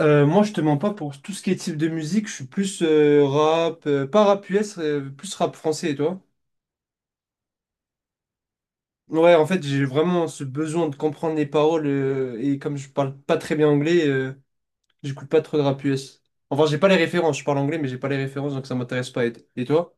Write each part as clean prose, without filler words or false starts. Moi, je te mens pas pour tout ce qui est type de musique. Je suis plus rap, pas rap US, plus rap français, et toi? Ouais, en fait, j'ai vraiment ce besoin de comprendre les paroles et comme je parle pas très bien anglais, j'écoute pas trop de rap US. Enfin, j'ai pas les références. Je parle anglais, mais j'ai pas les références, donc ça m'intéresse pas. Et toi?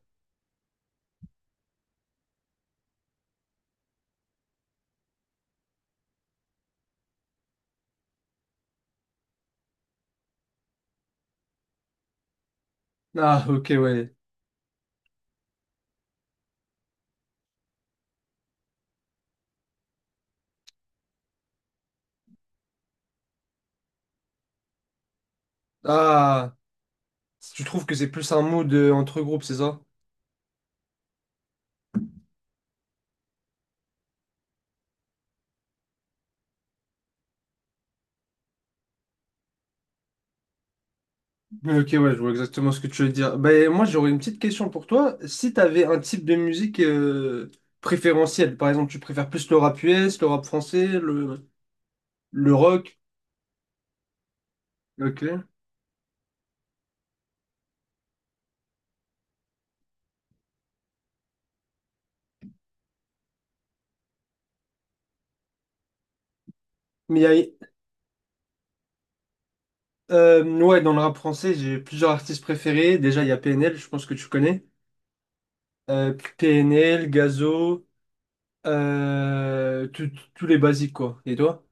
Ah, ok, ouais. Ah, tu trouves que c'est plus un mood entre groupes, c'est ça? Ok, ouais, je vois exactement ce que tu veux dire. Ben, moi, j'aurais une petite question pour toi. Si tu avais un type de musique préférentiel, par exemple, tu préfères plus le rap US, le rap français, le rock. Ok. Mais il y a- ouais, dans le rap français, j'ai plusieurs artistes préférés. Déjà, il y a PNL, je pense que tu connais. PNL, Gazo, tous les basiques, quoi. Et toi?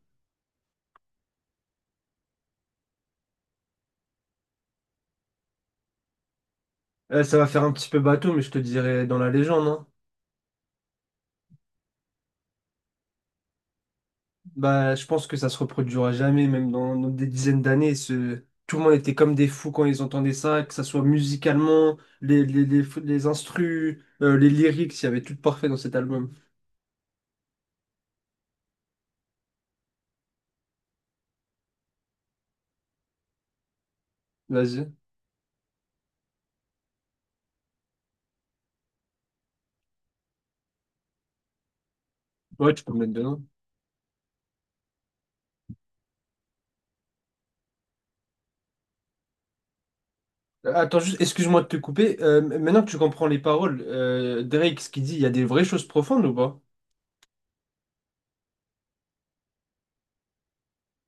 Ça va faire un petit peu bateau, mais je te dirais dans la légende, hein. Bah, je pense que ça se reproduira jamais, même dans des dizaines d'années. Tout le monde était comme des fous quand ils entendaient ça, que ça soit musicalement, les instrus, les lyrics, il y avait tout de parfait dans cet album. Vas-y. Ouais, tu peux me mettre dedans. Attends, juste, excuse-moi de te couper. Maintenant que tu comprends les paroles, Drake, ce qu'il dit, il y a des vraies choses profondes ou pas?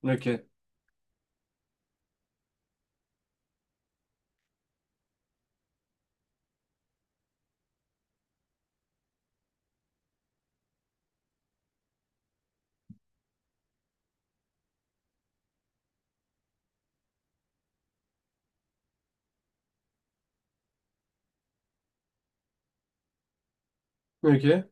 Ok. Ok.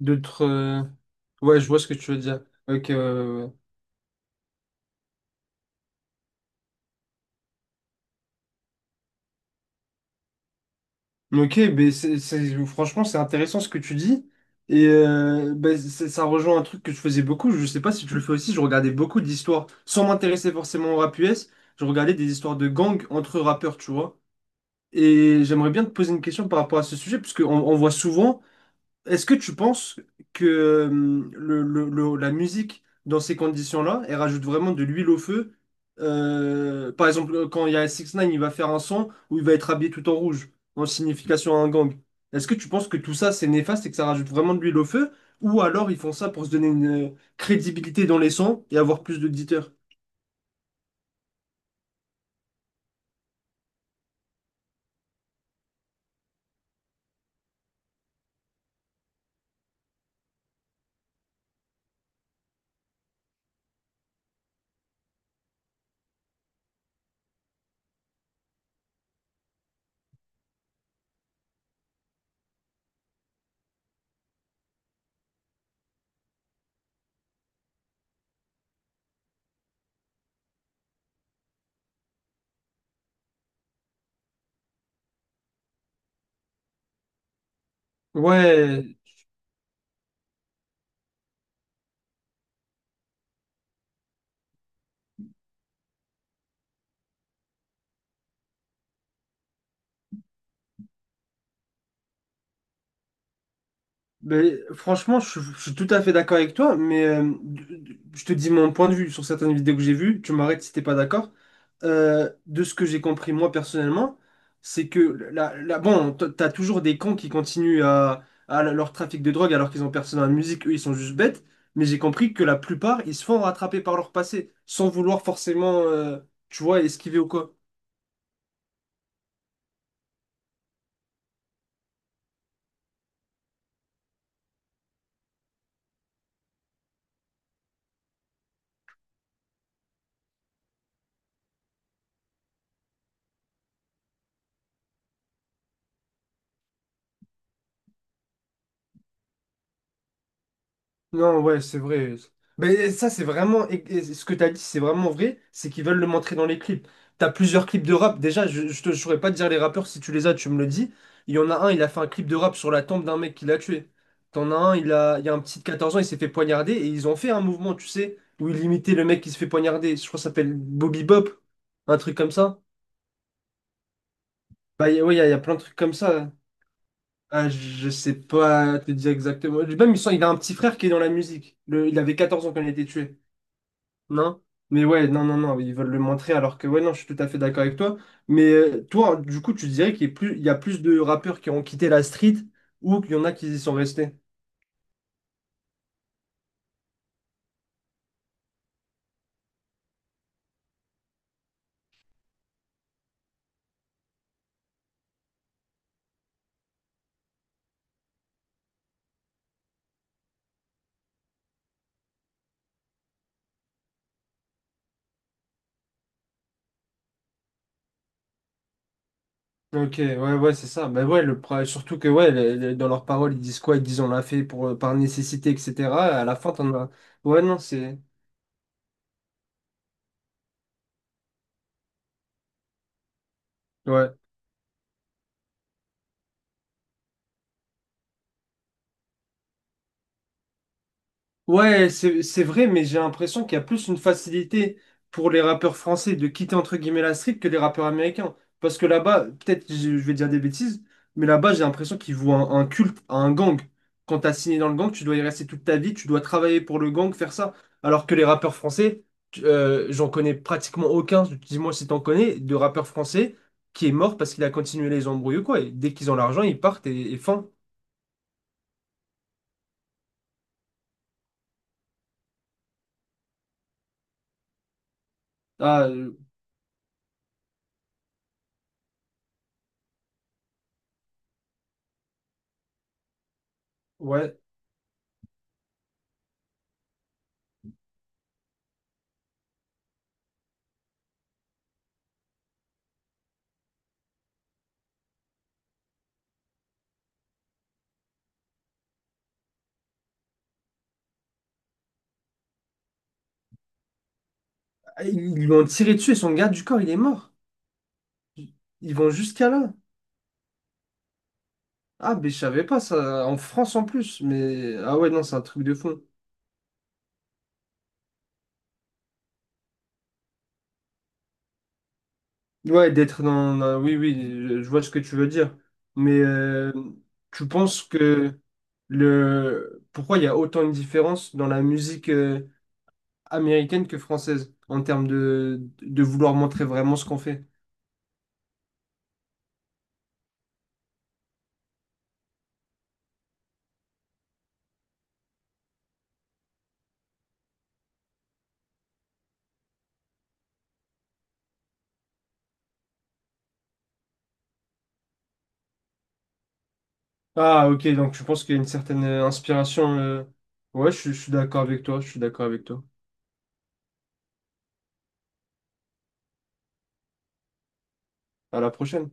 D'autres. Ouais, je vois ce que tu veux dire. Ok, ouais, ouais, ouais. Ok, ben franchement, c'est intéressant ce que tu dis. Et ben, ça rejoint un truc que je faisais beaucoup. Je sais pas si tu le fais aussi. Je regardais beaucoup d'histoires, sans m'intéresser forcément au rap US. Je regardais des histoires de gangs entre rappeurs, tu vois. Et j'aimerais bien te poser une question par rapport à ce sujet, parce qu'on on voit souvent. Est-ce que tu penses que la musique, dans ces conditions-là, elle rajoute vraiment de l'huile au feu? Par exemple, quand il y a 6 ix 9 il va faire un son où il va être habillé tout en rouge, en signification à un gang. Est-ce que tu penses que tout ça, c'est néfaste et que ça rajoute vraiment de l'huile au feu? Ou alors ils font ça pour se donner une crédibilité dans les sons et avoir plus d'auditeurs? Ouais, ben, franchement, je suis tout à fait d'accord avec toi, mais je te dis mon point de vue sur certaines vidéos que j'ai vues, tu m'arrêtes si t'es pas d'accord. De ce que j'ai compris moi personnellement, c'est que bon, t'as toujours des cons qui continuent à leur trafic de drogue alors qu'ils ont personne dans la musique, eux ils sont juste bêtes, mais j'ai compris que la plupart ils se font rattraper par leur passé sans vouloir forcément, tu vois, esquiver ou quoi. Non, ouais, c'est vrai. Mais ça, c'est vraiment. Et ce que t'as dit, c'est vraiment vrai. C'est qu'ils veulent le montrer dans les clips. T'as plusieurs clips de rap. Déjà, je saurais pas te dire les rappeurs. Si tu les as, tu me le dis. Il y en a un, il a fait un clip de rap sur la tombe d'un mec qui l'a tué. T'en as un, il y a un petit de 14 ans, il s'est fait poignarder. Et ils ont fait un mouvement, tu sais, où ils imitaient le mec qui se fait poignarder. Je crois que ça s'appelle Bobby Bop. Un truc comme ça. Bah, ouais, y a plein de trucs comme ça. Ah, je sais pas te dire exactement. Même, il a un petit frère qui est dans la musique. Il avait 14 ans quand il a été tué. Non? Mais ouais, non, ils veulent le montrer alors que ouais, non, je suis tout à fait d'accord avec toi. Mais toi, du coup, tu dirais qu'il y a plus, il y a plus de rappeurs qui ont quitté la street ou qu'il y en a qui y sont restés. Ok, ouais, ouais, c'est ça. Mais ouais, surtout que ouais, dans leurs paroles, ils disent quoi? Ils disent on l'a fait pour, par nécessité, etc. À la fin, t'en as. Ouais, non, c'est. Ouais. Ouais, c'est vrai, mais j'ai l'impression qu'il y a plus une facilité pour les rappeurs français de quitter entre guillemets la street que les rappeurs américains. Parce que là-bas, peut-être je vais dire des bêtises, mais là-bas j'ai l'impression qu'ils vouent un culte à un gang. Quand t'as signé dans le gang, tu dois y rester toute ta vie, tu dois travailler pour le gang, faire ça. Alors que les rappeurs français, j'en connais pratiquement aucun, dis-moi si t'en connais, de rappeurs français qui est mort parce qu'il a continué les embrouilles ou quoi. Et dès qu'ils ont l'argent, ils partent et fin. Ah euh, ouais. Ah, ils lui ont tiré dessus et son garde du corps, il est mort. Ils vont jusqu'à là. Ah, mais je savais pas ça. En France en plus. Mais ah ouais, non, c'est un truc de fond. Ouais, oui, oui, je vois ce que tu veux dire. Mais tu penses que le. pourquoi il y a autant une différence dans la musique américaine que française en termes de vouloir montrer vraiment ce qu'on fait? Ah, ok, donc tu penses qu'il y a une certaine inspiration. Ouais, je suis d'accord avec toi. Je suis d'accord avec toi. À la prochaine.